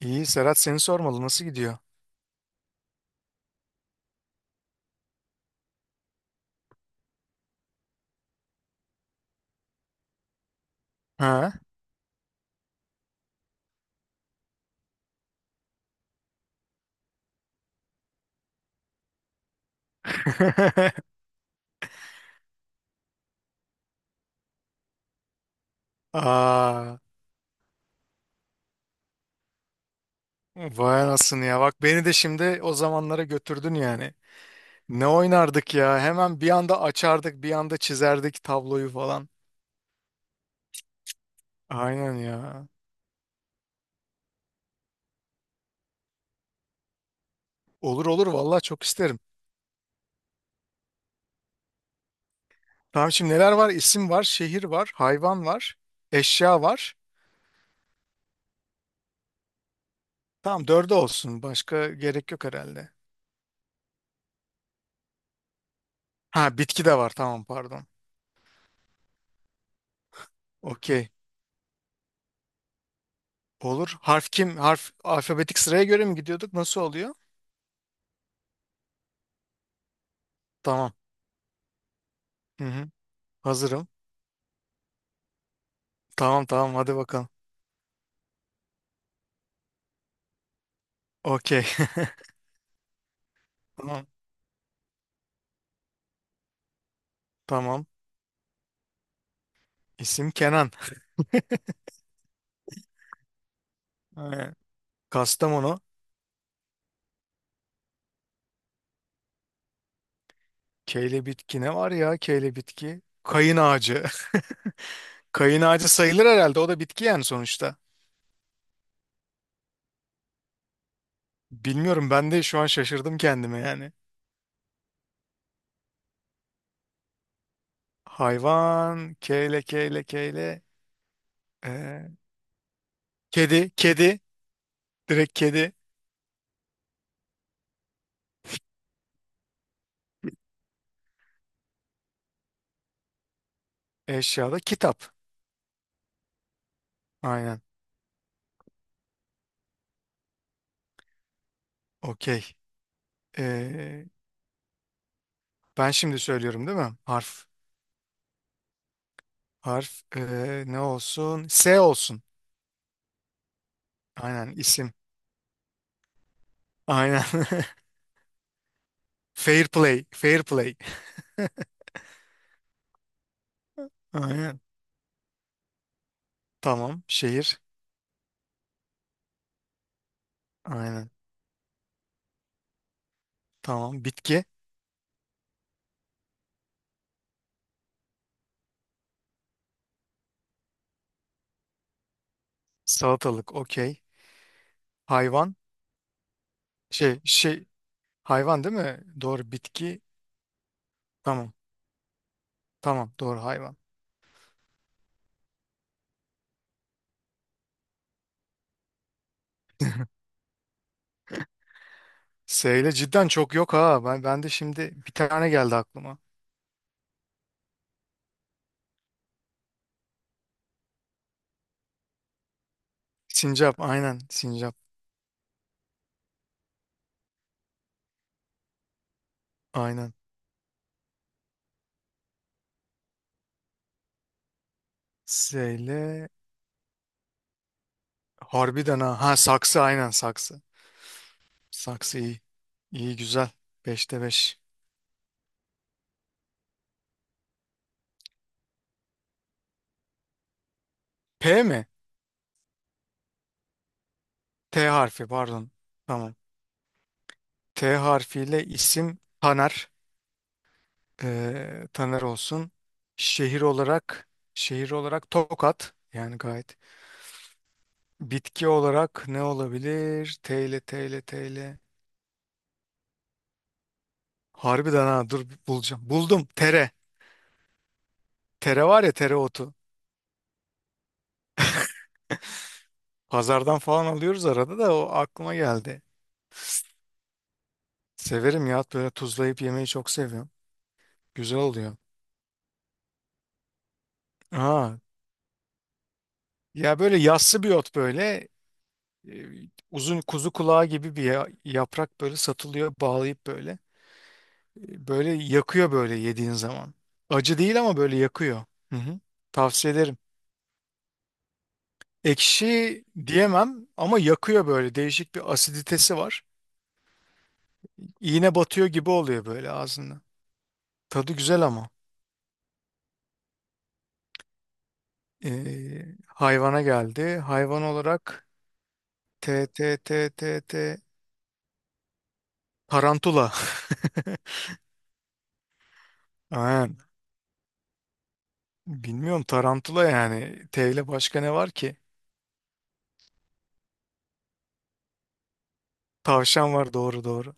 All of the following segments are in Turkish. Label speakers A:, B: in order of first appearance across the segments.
A: İyi Serhat, seni sormalı, nasıl gidiyor? Ha? Aa, vay anasını ya, bak beni de şimdi o zamanlara götürdün yani. Ne oynardık ya, hemen bir anda açardık, bir anda çizerdik tabloyu falan. Aynen ya. Olur olur, vallahi çok isterim. Tamam, şimdi neler var? İsim var, şehir var, hayvan var, eşya var. Tamam, dörde olsun, başka gerek yok herhalde. Ha, bitki de var, tamam, pardon. Okey. Olur. Harf kim? Harf alfabetik sıraya göre mi gidiyorduk? Nasıl oluyor? Tamam. Hı hı. Hazırım. Tamam tamam, hadi bakalım. Okey. Tamam. Tamam. İsim Kenan. Ee, Kastamonu. Keyle bitki ne var ya, keyle bitki? Kayın ağacı. Kayın ağacı sayılır herhalde. O da bitki yani sonuçta. Bilmiyorum, ben de şu an şaşırdım kendime yani. Hayvan. Keyle keyle keyle. Ee, kedi. Kedi. Direkt kedi. Eşyada kitap. Aynen. Okey. Ee, ben şimdi söylüyorum değil mi? Harf. Harf ne olsun? S olsun. Aynen, isim. Aynen. Fair play. Fair play. Aynen. Tamam. Şehir. Aynen. Tamam. Bitki. Salatalık. Okey. Hayvan. Şey şey. Hayvan değil mi? Doğru. Bitki. Tamam. Tamam. Doğru. Hayvan. S ile cidden çok yok ha. Ben de şimdi bir tane geldi aklıma. Sincap. Aynen. Sincap. Aynen. S ile harbiden ha. Ha, saksı. Aynen, saksı. Saksı iyi. İyi, güzel. Beşte 5. P mi? T harfi, pardon. Tamam. T harfiyle isim Taner. Taner olsun. Şehir olarak şehir olarak Tokat. Yani gayet. Bitki olarak ne olabilir? T ile, T ile, T ile. Harbiden ha, dur bulacağım. Buldum. Tere. Tere var ya, tereotu. Pazardan falan alıyoruz arada, da o aklıma geldi. Severim ya, böyle tuzlayıp yemeyi çok seviyorum. Güzel oluyor. Aa. Ya böyle yassı bir ot böyle, e, uzun kuzu kulağı gibi bir yaprak, böyle satılıyor bağlayıp böyle. E, Böyle yakıyor böyle yediğin zaman. Acı değil ama böyle yakıyor. Hı hı. Tavsiye ederim. Ekşi diyemem ama yakıyor, böyle değişik bir asiditesi var. İğne batıyor gibi oluyor böyle ağzında. Tadı güzel ama. Hayvana geldi. Hayvan olarak T T T T T, tarantula. Aynen. Bilmiyorum, tarantula yani. T ile başka ne var ki? Tavşan var, doğru doğru.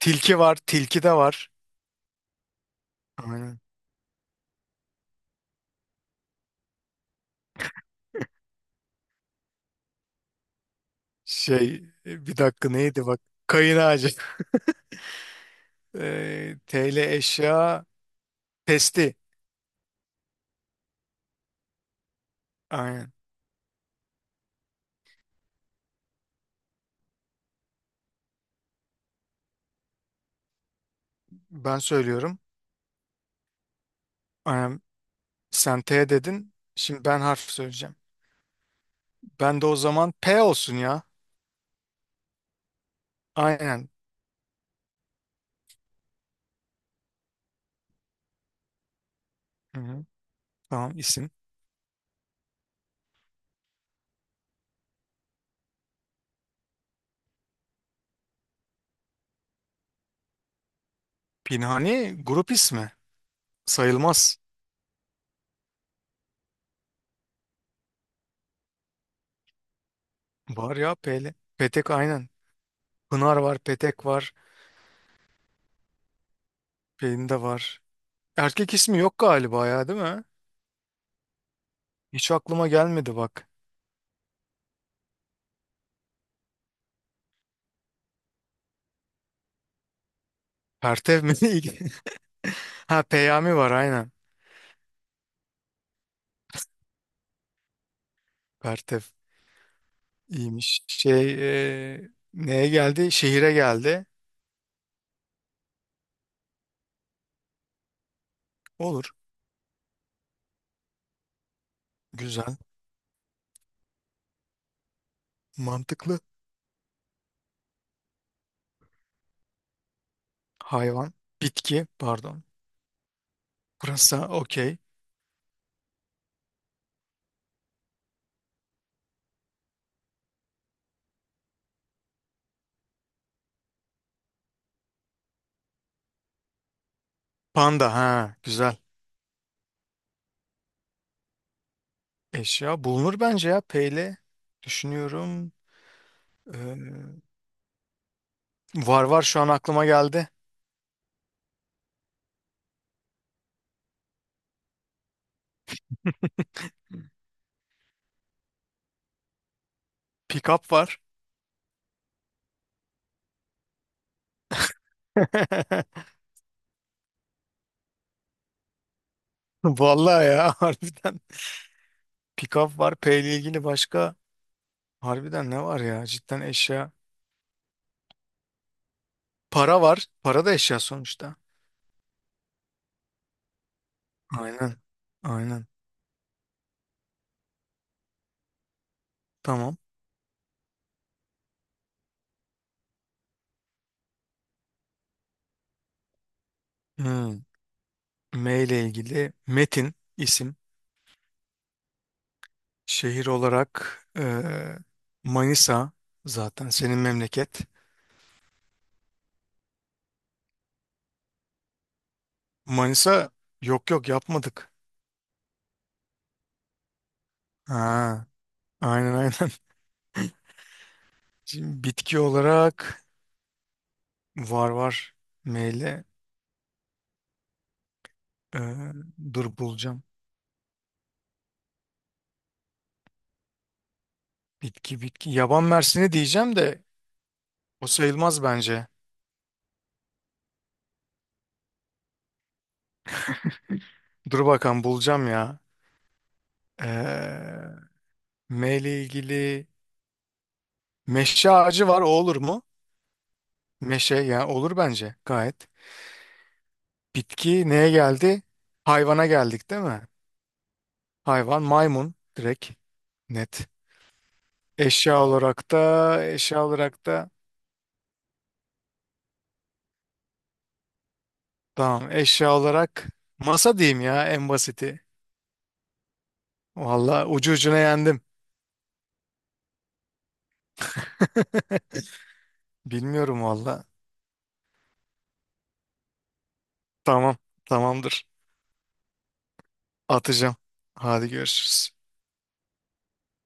A: Tilki var. Tilki de var. Aynen. Şey, bir dakika neydi bak. Kayın ağacı. T ile eşya. Testi. Aynen. Ben söylüyorum. Aynen. Sen T dedin. Şimdi ben harf söyleyeceğim. Ben de o zaman P olsun ya. Aynen. Hı-hı. Tamam, isim. Pinhani grup ismi. Sayılmaz. Var ya P'li. Petek, aynen. Pınar var, Petek var, Pelin de var. Erkek ismi yok galiba ya, değil mi? Hiç aklıma gelmedi bak. Pertev mi? İyi- Ha, Peyami var, aynen. Pertev. İyiymiş. Şey, neye geldi? Şehire geldi. Olur. Güzel. Mantıklı. Hayvan. Bitki. Pardon. Pırasa. Okey. Panda. Ha, güzel. Eşya. Bulunur bence ya. Peyle. Düşünüyorum. Ee, var var, şu an aklıma geldi. Pick up var. Vallahi ya, harbiden. Pikaf var. P ile ilgili başka harbiden ne var ya? Cidden eşya. Para var. Para da eşya sonuçta. Aynen. Aynen. Tamam. Hmm. M ile ilgili Metin isim. Şehir olarak Manisa zaten senin memleket. Manisa yok yok, yapmadık. Ha, aynen aynen. Şimdi bitki olarak var var. M eee, dur bulacağım. Bitki bitki. Yaban mersini diyeceğim de o sayılmaz bence. Dur bakalım bulacağım ya. Ee, M ile ilgili meşe ağacı var, o olur mu? Meşe yani, olur bence gayet. Bitki neye geldi? Hayvana geldik değil mi? Hayvan maymun, direkt net. Eşya olarak da eşya olarak da tamam eşya olarak masa diyeyim ya, en basiti. Valla ucu ucuna yendim. Bilmiyorum valla. Tamam, tamamdır, atacağım. Hadi görüşürüz.